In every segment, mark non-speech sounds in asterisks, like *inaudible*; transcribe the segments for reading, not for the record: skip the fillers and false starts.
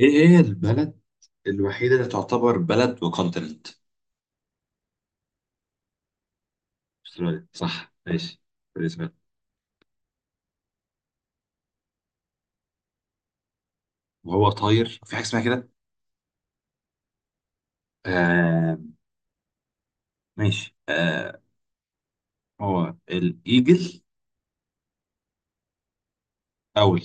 ايه هي البلد الوحيدة اللي تعتبر بلد وكونتيننت؟ استراليا، صح. ماشي بالنسبة لي. وهو طاير في حاجة اسمها كده. آه، ماشي. آه. هو الايجل؟ اول،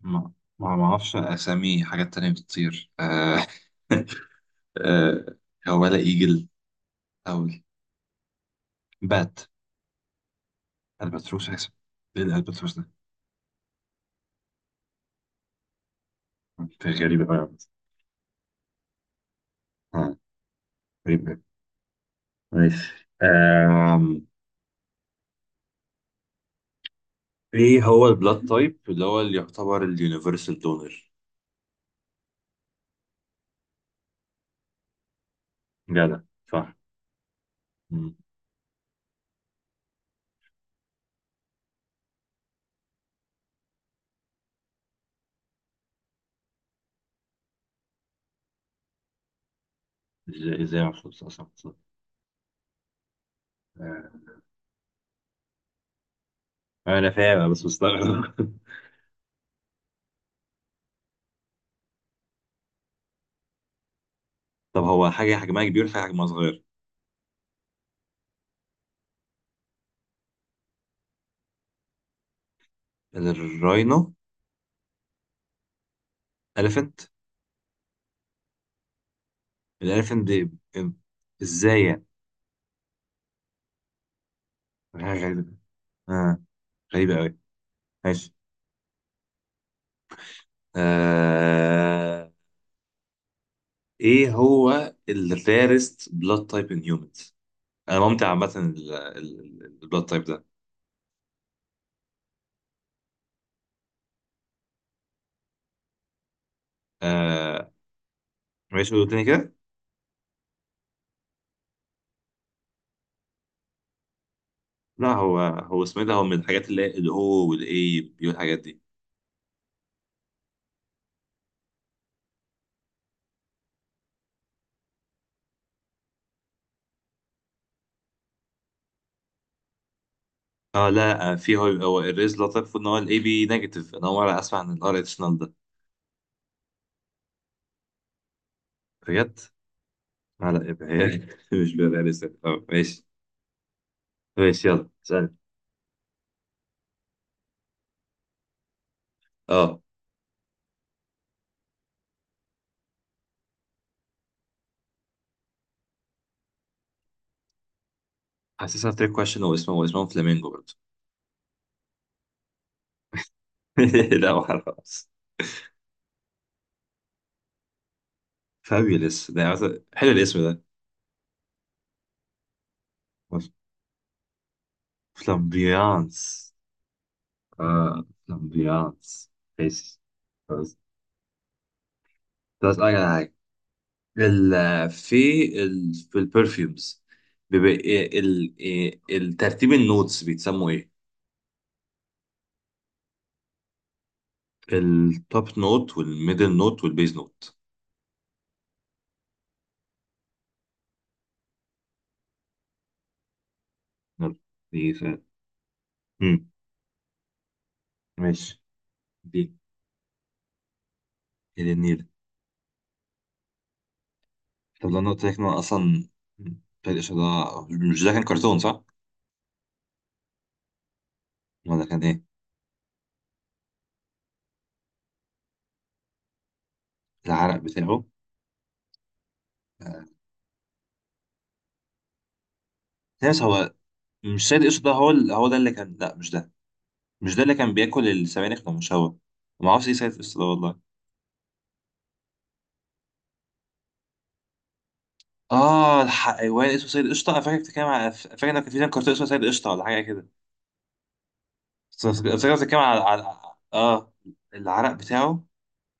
ما ما اعرفش اسامي حاجات تانية بتطير. آه *laughs* آه، هو ولا ايجل؟ اول بات. الباتروس، ايه الالباتروس ده؟ غريبة قوي يا عم. آه، غريبة أوي. ماشي. ايه هو البلاد تايب اللي هو اللي يعتبر اليونيفرسال دونر؟ جدع. صح. مم. ازاي؟ ازاي؟ محفوظ، صح صح صح. آه. انا فاهم بس مستغرب *laughs* طب هو حاجه حجمها كبير، حاجه حجمها صغير؟ الراينو؟ اليفنت؟ الاليفنت دي؟ ام- ازاي يعني؟ حاجه غريبه. آه. غريبه قوي. ماشي. آه. ايه هو الريرست بلاد تايب ان هيومنز؟ انا ممتع عامه، البلاد تايب ده. آه. ماشي، قول تاني كده. لا، هو اسمه إيه ده؟ هو من الحاجات اللي هي الاو والاي والحاجات دي. اه لا، آه، في هو الريز لطيف، المفروض ان هو الاي بي نيجاتيف. انا اول مره اسمع عن الار اديشنال ده. بجد؟ لا لا، يبقى *laughs* هي مش بيرياليستيك. اه ماشي. ماشي، يلا اسالني. اه حاسسها تريك كويشن، واسمه فلامينجو برضه. *laughs* لا، ما خلاص. فابيولس ده حلو الاسم ده. فلامبيانس. اه، فلامبيانس. ماشي، خلاص. طب اسالك على حاجه. ال في في البرفيومز، بيبقى إيه- ال إيه- الترتيب النوتس بيتسموا ايه؟ التوب نوت والميدل نوت والبيز نوت. يلا. دي سؤال. امم ماشي. دي. ايه ده النيل؟ طب لو انا قلت لك إن أنا اصلا فرق الإشارة، مش ده كان كرتون، صح؟ ولا كان ايه؟ العرق بتاعه. آه. ناس هو، مش سيد قشطة ده. هو هو ده اللي كان. لا، مش ده. مش ده اللي كان بياكل السبانخ لما شوى. ما اعرفش ايه سيد قشطة ده والله. اه، الحيوان اسمه سيد قشطة. انا فاكر بتتكلم على، فاكر ان كان في كرتون اسمه سيد قشطة ولا حاجة كده. فاكر بتتكلم على اه. العرق بتاعه.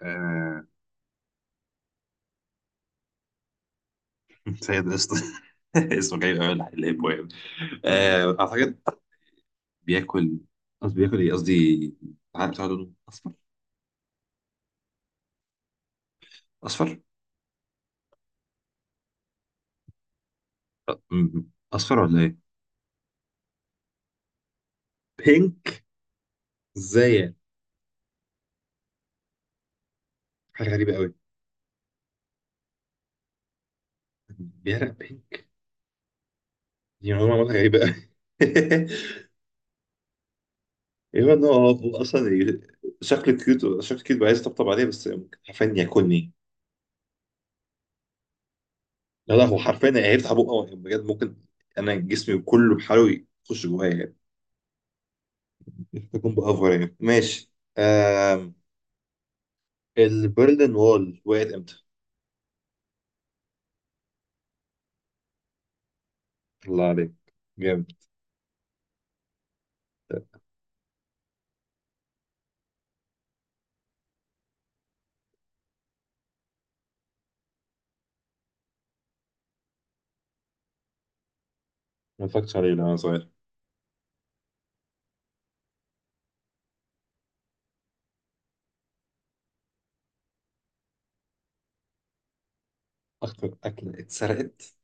آه، سيد قشطة *laughs* اسمه جاي من أول اللي هيبقى يعني. آه، أعتقد. بياكل، قصدي بياكل إيه، قصدي العلم بتاعه لونه أصفر. أصفر. أ- م- أصفر ولا إيه؟ بينك. إزاي يعني؟ حاجة غريبة أوي. بيعرق بينك. دي معلومة، غريبة أوي. إيه *laughs* إن هو أصلا شكله كيوت. بقى عايز أطبطب عليه بس ممكن حرفيا ياكلني. لا لا، هو حرفيا هيفتح بقه بجد ممكن. أنا جسمي كله بحاله يخش جوايا. تكون بأفور يعني. ماشي. آم. البرلين وول وقعت امتى؟ الله عليك. جامد. ما فكرتش عليه لما صغير. أكتر أكلة اتسرقت.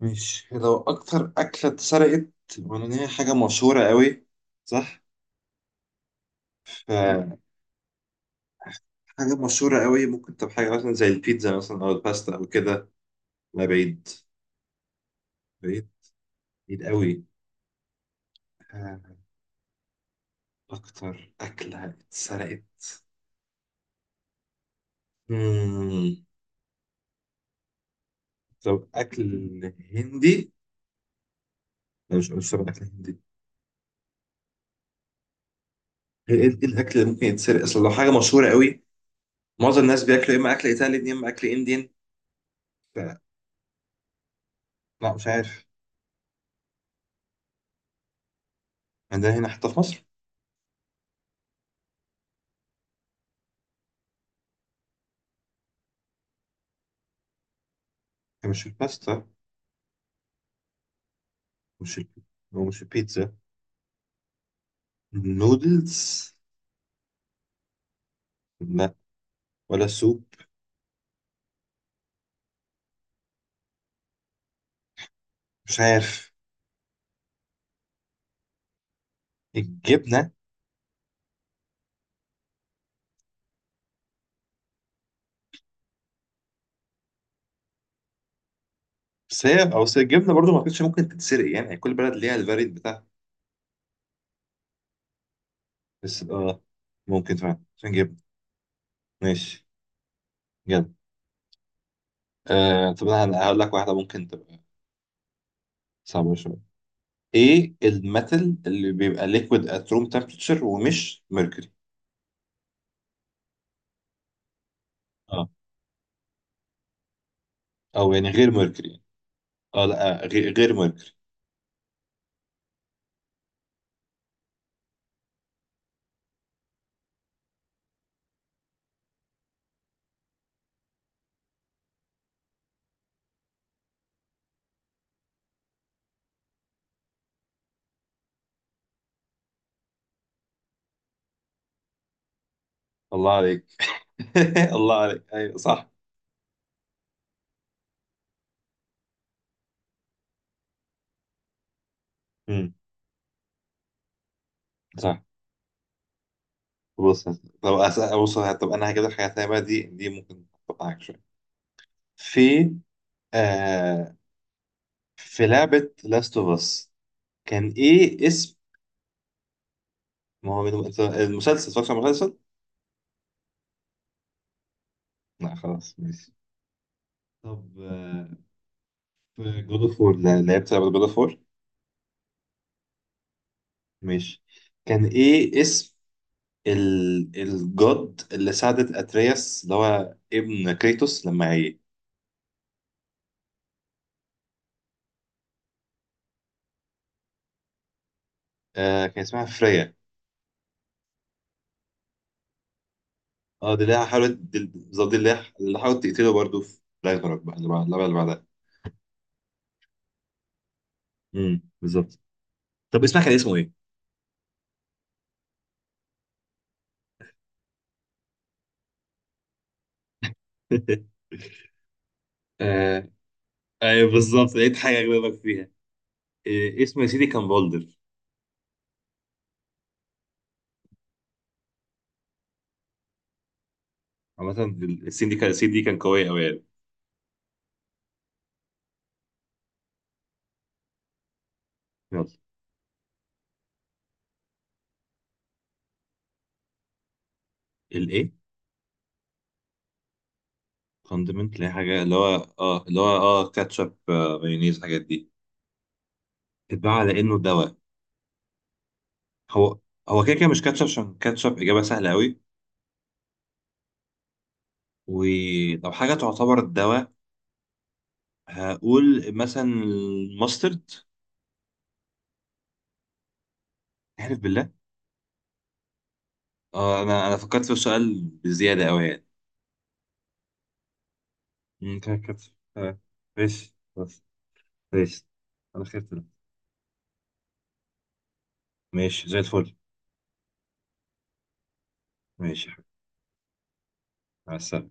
مش لو أكتر أكلة اتسرقت، وأنا إن هي حاجة مشهورة قوي، صح؟ ف، حاجة مشهورة قوي ممكن تبقى حاجة مثلا زي البيتزا مثلا أو الباستا أو كده. لا، بعيد. بعيد، بعيد قوي. آه، أكتر أكلة اتسرقت. مم. طب أكل هندي؟ لا، مش طبعا أكل هندي. هي ايه، إيه الاكل اللي ممكن يتسرق اصل لو حاجه مشهوره قوي؟ معظم الناس بياكلوا يا اما اكل ايطالي يا اما اكل انديان. ف- لا، مش عارف. يعني ده هنا حتى في مصر. مش الباستا. مش ال... هو مش البيتزا؟ النودلز؟ لا. ولا السوب؟ مش عارف. الجبنه؟ بس هي او بس الجبنه برضو ما كانتش ممكن تتسرق يعني، يعني كل بلد ليها الفاريد بتاعها. بس ممكن فعلا عشان جبنه. ماشي. يلا. آه، طب انا هقول لك واحده ممكن تبقى صعبه شويه. ايه الميتال اللي بيبقى ليكويد ات روم تمبريتشر ومش ميركوري؟ اه او يعني، غير ميركوري يعني. اه، لا، غير ميركوري. الله عليك *laughs* الله عليك، ايوه، صح. امم صح. بص. طب انا هجيب لك حاجه ثانيه بقى. دي ممكن تقطعك شويه. في، آه، في لعبه لاست اوف اس، كان ايه اسم؟ ما هو أنت المسلسل، اتفرجت على المسلسل؟ لا، خلاص، ماشي. طب آه، في جود اوف وور، لعبت لعبه جود اوف وور؟ ماشي، كان ايه اسم ال، الجد اللي ساعدت اترياس اللي هو ابن كريتوس لما عيه؟ آه، كان اسمها فريا. اه، دي اللي هي حاولت، دي بالظبط دي اللي هي- اللي حاولت تقتله برضه في راجناروك بقى، اللي بعدها. بالظبط. طب اسمها، كان اسمه ايه؟ *laughs* آه، ايوه بالظبط، لقيت حاجه اجاوبك فيها. إيه اسمه يا سيدي؟ كان فولدر. عامة السين دي كان، قوية أوي يعني. يلا. الايه؟ فاندمنت، اللي هي حاجة اللي هو اللي هو كاتشب، آه، مايونيز، الحاجات دي. اتباع على انه دواء. هو، كده كده مش كاتشب، عشان كاتشب اجابه سهله قوي. ولو حاجه تعتبر الدواء، هقول مثلا الماسترد. احلف بالله. اه، انا فكرت في السؤال بزياده قوي يعني. أمم، كده كاتشب. آه، ماشي، خلاص. ماشي، انا خدت ده. ماشي، زي الفل. ماشي يا حبيبي. مع السلامه.